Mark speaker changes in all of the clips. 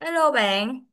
Speaker 1: Hello bạn.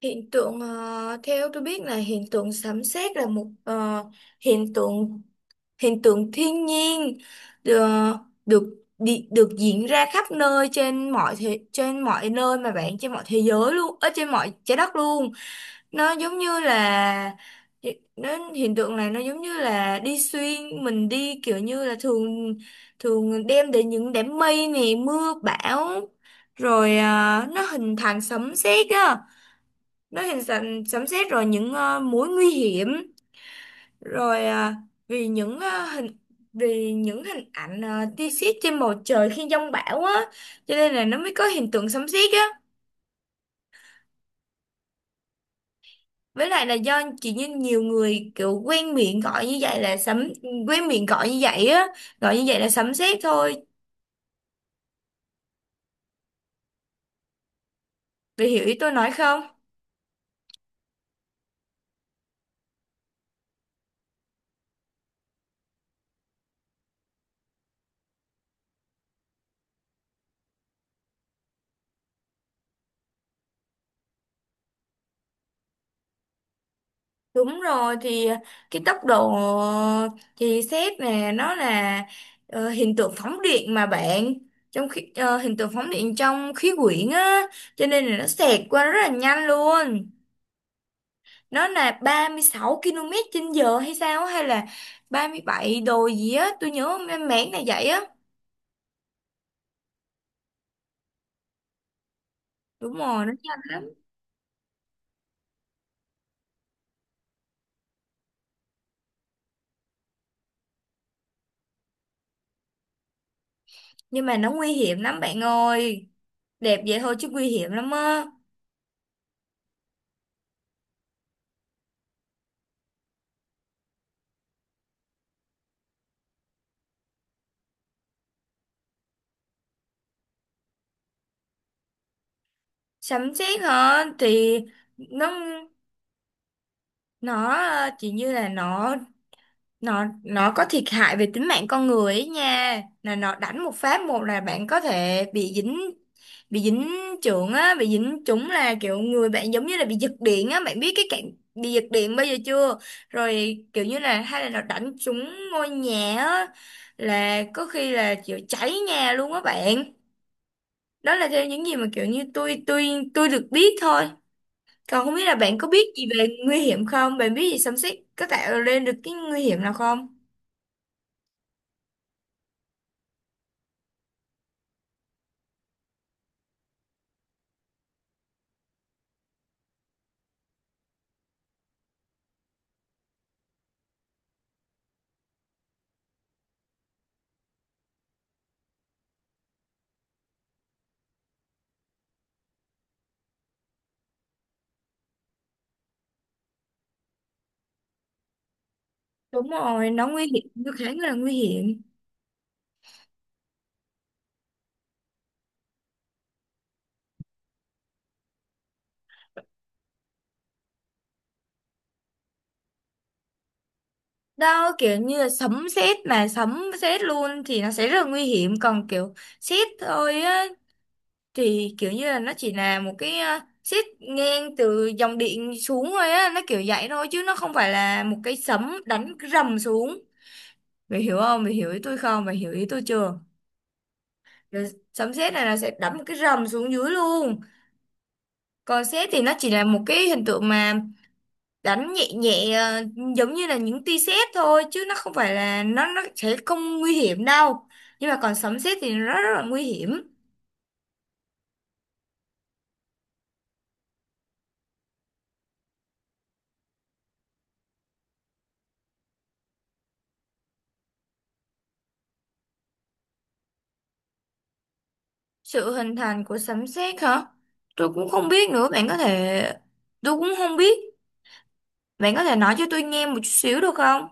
Speaker 1: Theo tôi biết, là hiện tượng sấm sét là một hiện tượng hiện tượng thiên nhiên được được đi- được diễn ra khắp nơi, trên mọi nơi mà bạn, trên mọi thế giới luôn, ở trên mọi trái đất luôn. Nó giống như là, nó hiện tượng này nó giống như là đi xuyên mình, đi kiểu như là thường thường đem đến những đám mây này mưa bão rồi. À, nó hình thành sấm sét á, nó hình thành sấm sét rồi những mối nguy hiểm, rồi ờ, vì những ờ, hình vì những hình ảnh, tia sét trên bầu trời khi giông bão á, cho nên là nó mới có hiện tượng sấm sét á. Với lại là do chỉ như nhiều người kiểu quen miệng gọi như vậy là sấm, quen miệng gọi như vậy á gọi như vậy là sấm sét thôi, vì hiểu ý tôi nói không? Đúng rồi, thì cái tốc độ, thì xét nè, nó là hiện tượng phóng điện mà bạn, hiện tượng phóng điện trong khí quyển á, cho nên là nó xẹt qua rất là nhanh luôn. Nó là 36 km trên giờ hay sao á, hay là 37 đồ gì á, tôi nhớ mang máng này vậy á. Đúng rồi, nó nhanh lắm. Nhưng mà nó nguy hiểm lắm bạn ơi, đẹp vậy thôi chứ nguy hiểm lắm á. Sấm sét hả, thì nó, chỉ như là nó, nó có thiệt hại về tính mạng con người ấy nha, là nó đánh một phát một là bạn có thể bị dính, bị dính chưởng á, bị dính chúng, là kiểu người bạn giống như là bị giật điện á, bạn biết cái cạnh bị giật điện bây giờ chưa? Rồi kiểu như là, hay là nó đánh trúng ngôi nhà á, là có khi là kiểu cháy nhà luôn á bạn. Đó là theo những gì mà kiểu như tôi được biết thôi. Còn không biết là bạn có biết gì về nguy hiểm không? Bạn biết gì xâm xích có tạo lên được cái nguy hiểm nào không? Đúng rồi, nó nguy hiểm, nó khá là nguy hiểm. Đó, kiểu như là sấm sét mà sấm sét luôn thì nó sẽ rất là nguy hiểm. Còn kiểu sét thôi á, thì kiểu như là nó chỉ là một cái sét ngang từ dòng điện xuống thôi á. Nó kiểu vậy thôi chứ nó không phải là một cái sấm đánh rầm xuống. Mày hiểu không? Mày hiểu ý tôi không? Mày hiểu ý tôi chưa? Rồi, sấm sét này nó sẽ đánh một cái rầm xuống dưới luôn, còn sét thì nó chỉ là một cái hình tượng mà đánh nhẹ nhẹ, giống như là những tia sét thôi, chứ nó không phải là, nó sẽ không nguy hiểm đâu. Nhưng mà còn sấm sét thì nó rất là nguy hiểm. Sự hình thành của sấm sét hả? Tôi cũng không biết nữa, bạn có thể, tôi cũng không biết. Bạn có thể nói cho tôi nghe một chút xíu được không?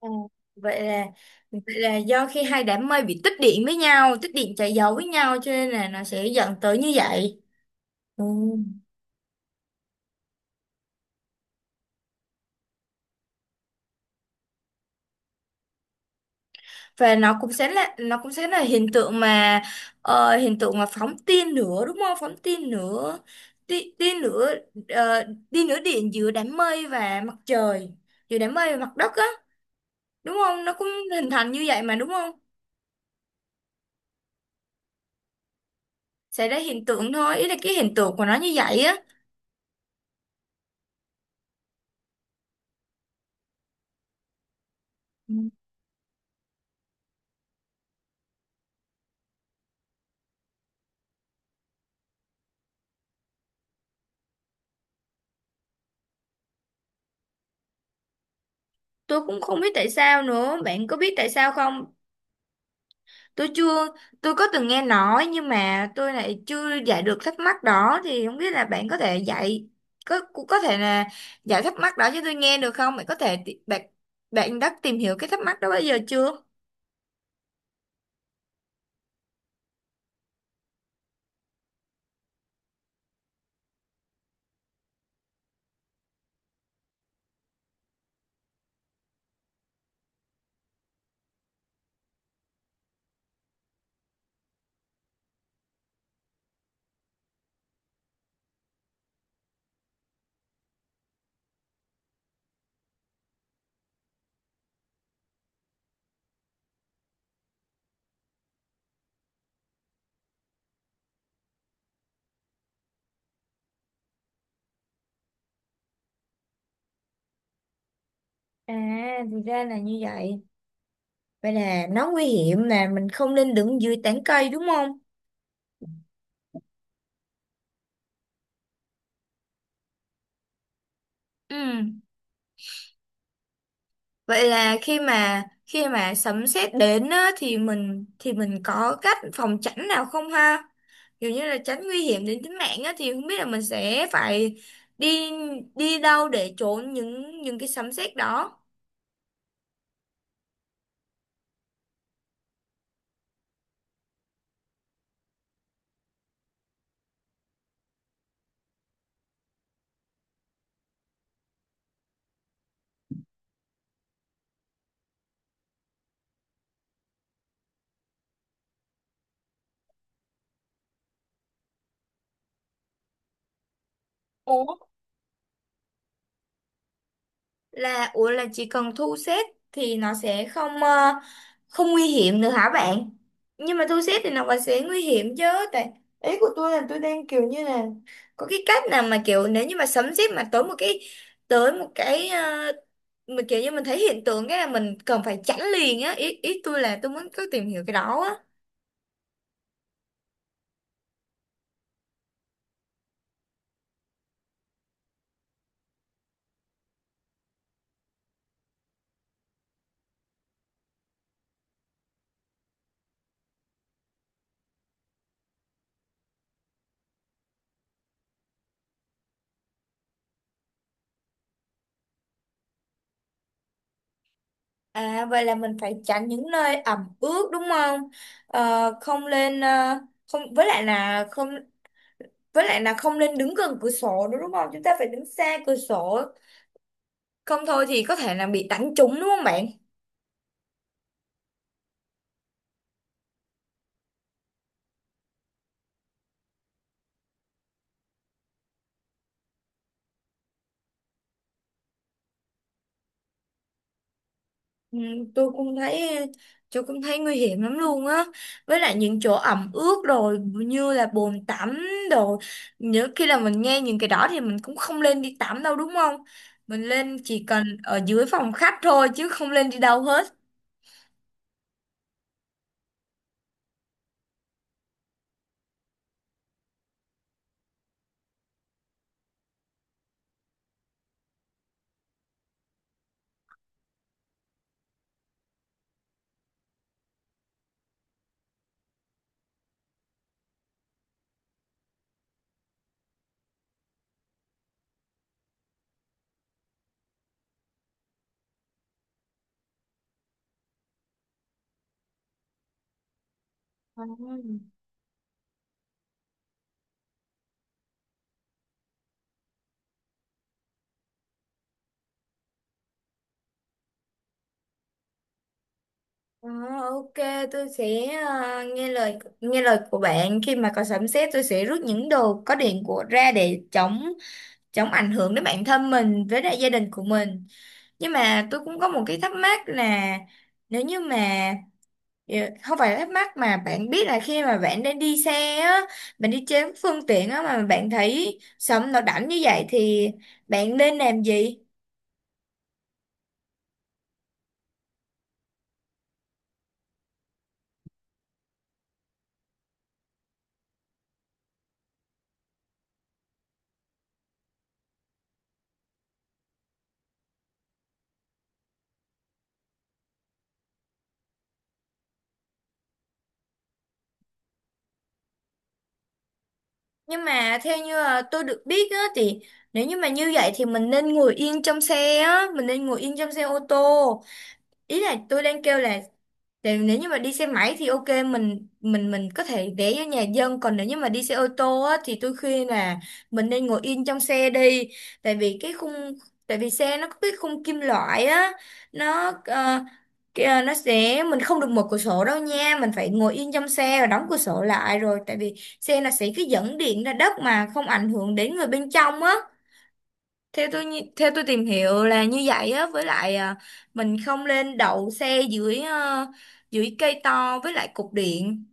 Speaker 1: À, vậy là, vậy là do khi hai đám mây bị tích điện với nhau, tích điện chạy dầu với nhau, cho nên là nó sẽ dẫn tới như vậy. Ừ. Và nó cũng sẽ là, hiện tượng mà, hiện tượng mà phóng tia nữa đúng không, phóng tia nữa, tia nữa, ờ, tia nữa điện giữa đám mây và mặt trời, giữa đám mây và mặt đất á, đúng không, nó cũng hình thành như vậy mà, đúng không, xảy ra hiện tượng thôi, ý là cái hiện tượng của nó như vậy á. Ừ. Tôi cũng không biết tại sao nữa, bạn có biết tại sao không? Tôi chưa, Tôi có từng nghe nói, nhưng mà tôi lại chưa giải được thắc mắc đó, thì không biết là bạn có thể dạy, có cũng có thể là giải thắc mắc đó cho tôi nghe được không? Bạn có thể bạn, đã tìm hiểu cái thắc mắc đó bao giờ chưa? À, thì ra là như vậy. Vậy là nó nguy hiểm, là mình không nên đứng dưới tán cây đúng không? Ừ. Vậy là khi mà, sấm sét đến á, thì mình, có cách phòng tránh nào không ha? Kiểu như là tránh nguy hiểm đến tính mạng á, thì không biết là mình sẽ phải đi, đâu để trốn những, cái sấm sét đó. Ủa? Là ủa là chỉ cần thu xếp thì nó sẽ không, không nguy hiểm nữa hả bạn? Nhưng mà thu xếp thì nó vẫn sẽ nguy hiểm chứ, tại ý của tôi là tôi đang kiểu như là, có cái cách nào mà kiểu nếu như mà sấm sét mà tới một cái, tới một cái ờ, mà kiểu như mình thấy hiện tượng cái là mình cần phải tránh liền á, ý ý tôi là tôi muốn cứ tìm hiểu cái đó á. À, vậy là mình phải tránh những nơi ẩm ướt đúng không? Không lên, ờ, không với lại là không với lại là không nên đứng gần cửa sổ nữa đúng không? Chúng ta phải đứng xa cửa sổ, không thôi thì có thể là bị đánh trúng đúng không bạn? Ừ, tôi cũng thấy tôi cũng thấy nguy hiểm lắm luôn á. Với lại những chỗ ẩm ướt rồi như là bồn tắm đồ. Nhớ khi là mình nghe những cái đó thì mình cũng không lên đi tắm đâu đúng không? Mình lên chỉ cần ở dưới phòng khách thôi chứ không lên đi đâu hết. Ừ. Ờ, ok. Tôi sẽ, nghe lời, của bạn. Khi mà có sấm sét tôi sẽ rút những đồ có điện của ra để chống, ảnh hưởng đến bản thân mình với lại gia đình của mình. Nhưng mà tôi cũng có một cái thắc mắc là, nếu như mà, ờ, không phải là thắc mắc mà bạn biết, là khi mà bạn đang đi xe á, bạn đi trên phương tiện á mà bạn thấy sấm nó đánh như vậy thì bạn nên làm gì? Nhưng mà theo như là tôi được biết á, thì nếu như mà như vậy thì mình nên ngồi yên trong xe á, mình nên ngồi yên trong xe ô tô. Ý là tôi đang kêu là, tại nếu như mà đi xe máy thì ok, mình có thể ghé vô nhà dân, còn nếu như mà đi xe ô tô á thì tôi khuyên là mình nên ngồi yên trong xe đi, tại vì cái khung, tại vì xe nó có cái khung kim loại á, nó ờ, kìa, nó sẽ, mình không được mở cửa sổ đâu nha, mình phải ngồi yên trong xe và đóng cửa sổ lại rồi, tại vì xe là sẽ cứ dẫn điện ra đất mà không ảnh hưởng đến người bên trong á. Theo tôi tìm hiểu là như vậy á. Với lại à, mình không lên đậu xe dưới, dưới cây to với lại cục điện.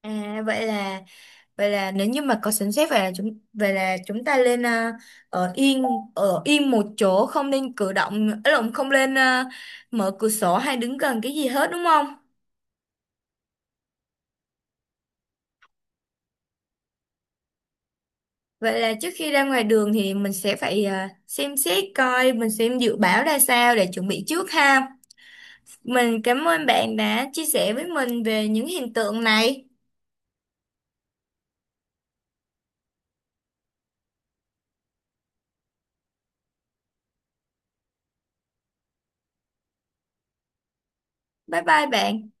Speaker 1: À, vậy là, nếu như mà có sẵn xét, vậy là chúng ta lên, à, ở yên, một chỗ, không nên cử động, ấy lộn, không lên, à, mở cửa sổ hay đứng gần cái gì hết đúng không? Vậy là trước khi ra ngoài đường thì mình sẽ phải, à, xem xét coi, mình xem dự báo ra sao để chuẩn bị trước ha. Mình cảm ơn bạn đã chia sẻ với mình về những hiện tượng này. Bye bye bạn.